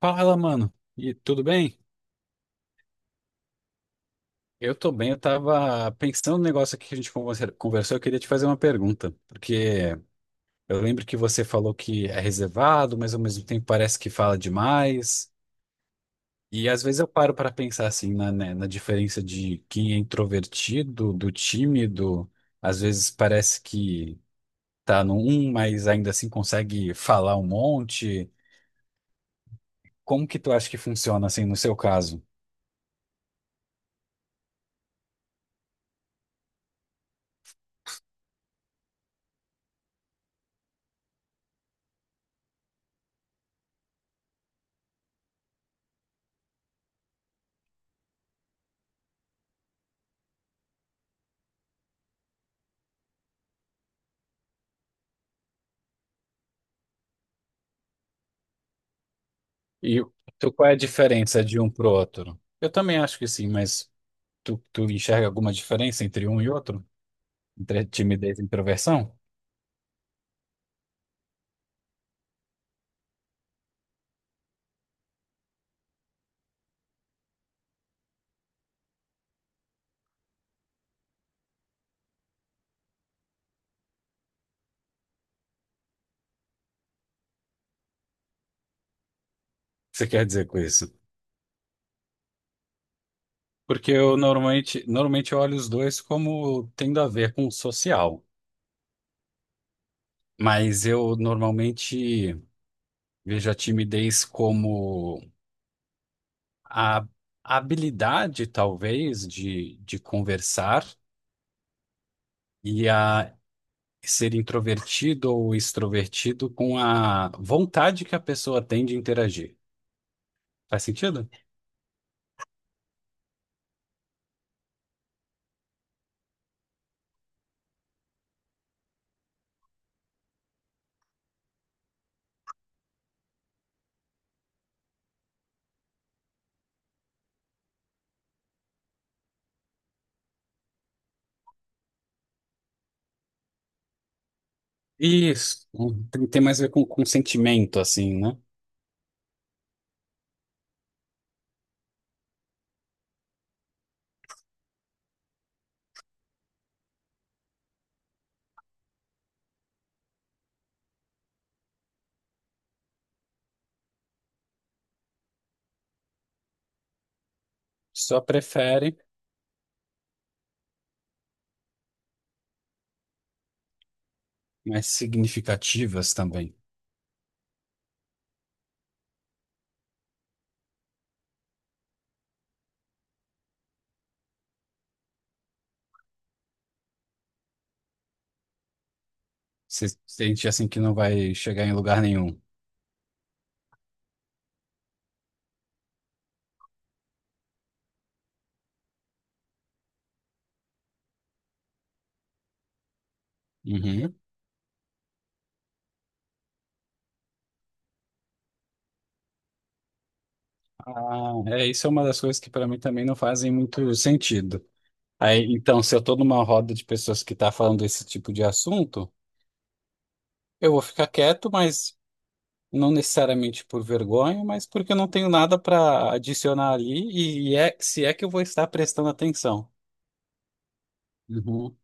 Fala, mano. E tudo bem? Eu tô bem. Eu tava pensando no negócio aqui que conversou. Eu queria te fazer uma pergunta, porque eu lembro que você falou que é reservado, mas ao mesmo tempo parece que fala demais. E às vezes eu paro para pensar assim na, né, na diferença de quem é introvertido, do tímido. Às vezes parece que tá no um, mas ainda assim consegue falar um monte. Como que tu acha que funciona assim no seu caso? E tu, qual é a diferença de um pro outro? Eu também acho que sim, mas tu enxerga alguma diferença entre um e outro? Entre timidez e introversão? O que você quer dizer com isso? Porque eu normalmente eu olho os dois como tendo a ver com o social, mas eu normalmente vejo a timidez como a habilidade, talvez, de conversar e a ser introvertido ou extrovertido com a vontade que a pessoa tem de interagir. Faz sentido? Isso. Tem, tem mais a ver com sentimento, assim, né? Só prefere, mas significativas também. Se sente assim que não vai chegar em lugar nenhum. Uhum. Ah, é, isso é uma das coisas que para mim também não fazem muito sentido. Aí, então, se eu tô numa roda de pessoas que tá falando desse tipo de assunto, eu vou ficar quieto, mas não necessariamente por vergonha, mas porque eu não tenho nada para adicionar ali e é, se é que eu vou estar prestando atenção. Uhum.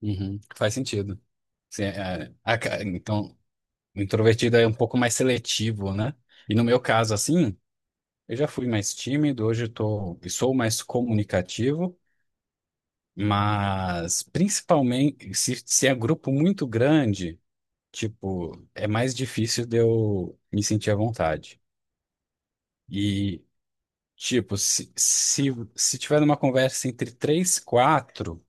Uhum. Faz sentido. Se é- é, então, o introvertido é um pouco mais seletivo, né? E no meu caso, assim, eu já fui mais tímido, hoje eu tô, e sou mais comunicativo, mas principalmente se é grupo muito grande, tipo, é mais difícil de eu me sentir à vontade. E tipo, se tiver uma conversa entre três, quatro,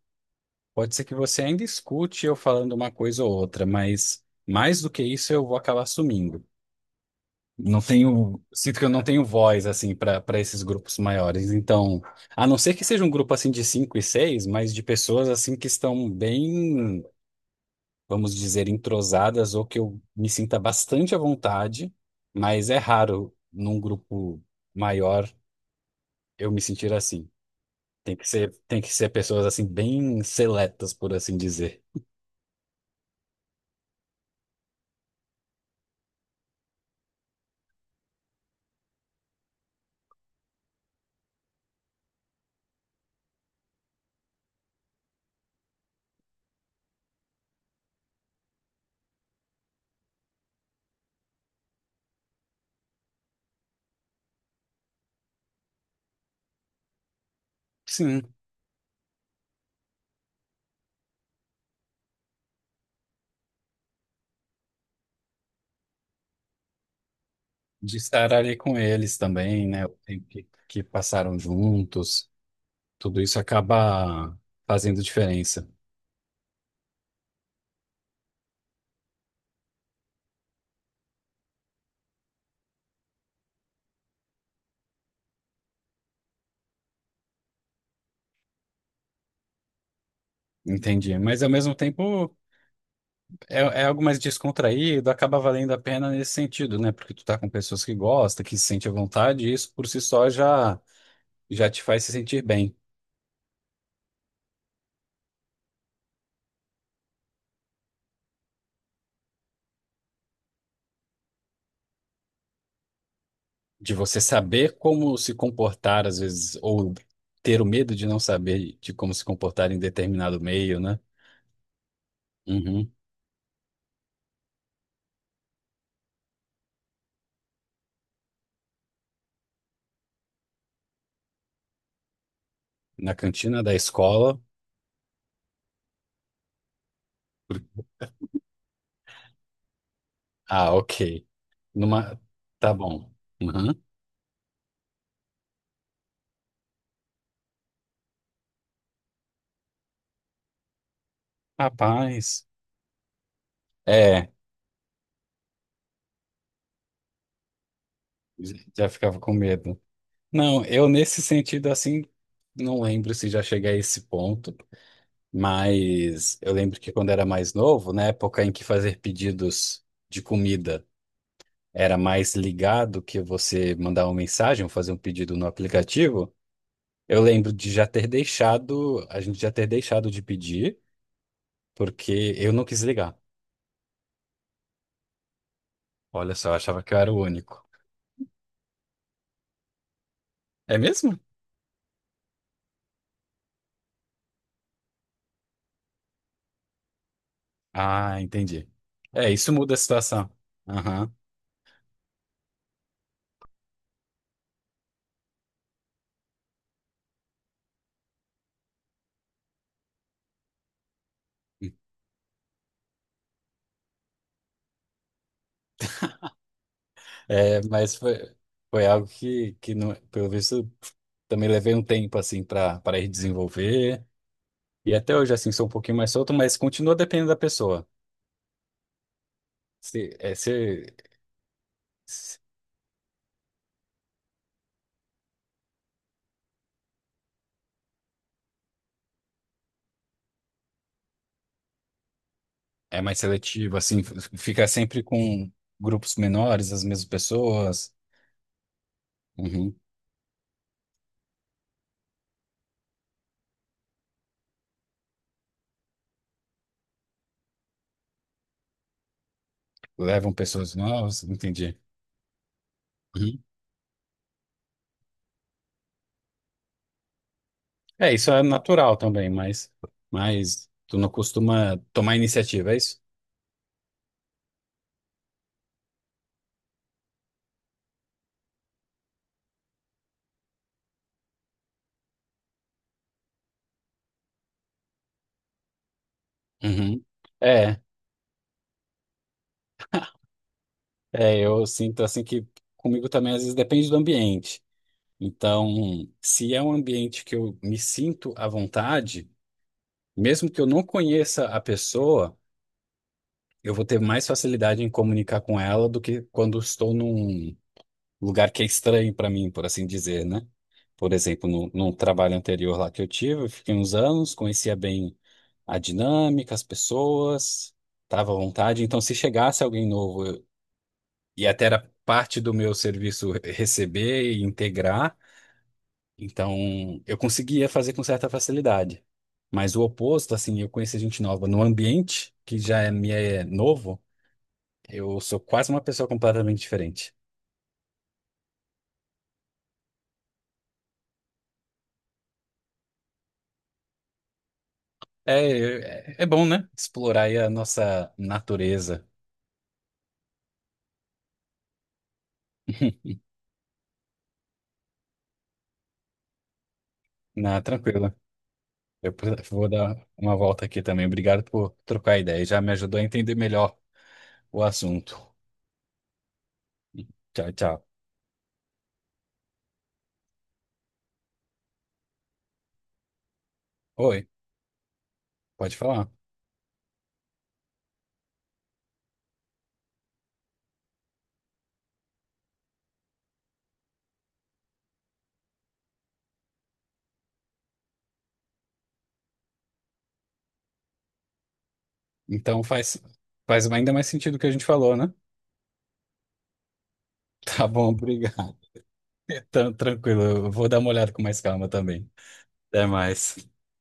pode ser que você ainda escute eu falando uma coisa ou outra, mas mais do que isso eu vou acabar sumindo. Não tenho, sinto que eu não tenho voz assim para esses grupos maiores. Então, a não ser que seja um grupo assim de cinco e seis, mas de pessoas assim que estão bem, vamos dizer, entrosadas ou que eu me sinta bastante à vontade, mas é raro num grupo maior eu me sentir assim. Tem que ser pessoas assim bem seletas, por assim dizer. Sim, de estar ali com eles também, né? O tempo que passaram juntos, tudo isso acaba fazendo diferença. Entendi. Mas ao mesmo tempo é, é algo mais descontraído, acaba valendo a pena nesse sentido, né? Porque tu tá com pessoas que gostam, que se sente à vontade, e isso por si só já, já te faz se sentir bem. De você saber como se comportar, às vezes, ou ter o medo de não saber de como se comportar em determinado meio, né? Uhum. Na cantina da escola. Ah, ok. Numa... Tá bom. Uhum. Rapaz. É, já ficava com medo. Não, eu nesse sentido, assim, não lembro se já cheguei a esse ponto, mas eu lembro que quando era mais novo, na época em que fazer pedidos de comida era mais ligado que você mandar uma mensagem ou fazer um pedido no aplicativo, eu lembro de já ter deixado, a gente já ter deixado de pedir, porque eu não quis ligar. Olha só, eu achava que eu era o único. É mesmo? Ah, entendi. É, isso muda a situação. Aham. É, mas foi, foi algo que não, pelo visto, também levei um tempo, assim, para ir desenvolver. E até hoje, assim, sou um pouquinho mais solto, mas continua dependendo da pessoa. Se, é, se, É mais seletivo, assim, fica sempre com grupos menores, as mesmas pessoas, uhum, levam pessoas novas, entendi. Uhum. É, isso é natural também, mas tu não costuma tomar iniciativa, é isso? Uhum. É, é, eu sinto assim que comigo também às vezes depende do ambiente. Então, se é um ambiente que eu me sinto à vontade, mesmo que eu não conheça a pessoa, eu vou ter mais facilidade em comunicar com ela do que quando estou num lugar que é estranho para mim, por assim dizer, né? Por exemplo, no num trabalho anterior lá que eu tive, eu fiquei uns anos, conhecia bem a dinâmica, as pessoas, estava à vontade. Então, se chegasse alguém novo, eu- e até era parte do meu serviço receber e integrar, então eu conseguia fazer com certa facilidade. Mas o oposto, assim, eu conhecer gente nova no ambiente que já é, me é novo, eu sou quase uma pessoa completamente diferente. É, é, é bom, né? Explorar aí a nossa natureza. Na, tranquilo. Vou dar uma volta aqui também. Obrigado por trocar ideia. Já me ajudou a entender melhor o assunto. Tchau, tchau. Oi, pode falar. Então faz, faz ainda mais sentido o que a gente falou, né? Tá bom, obrigado. Então, tranquilo. Eu vou dar uma olhada com mais calma também. Até mais.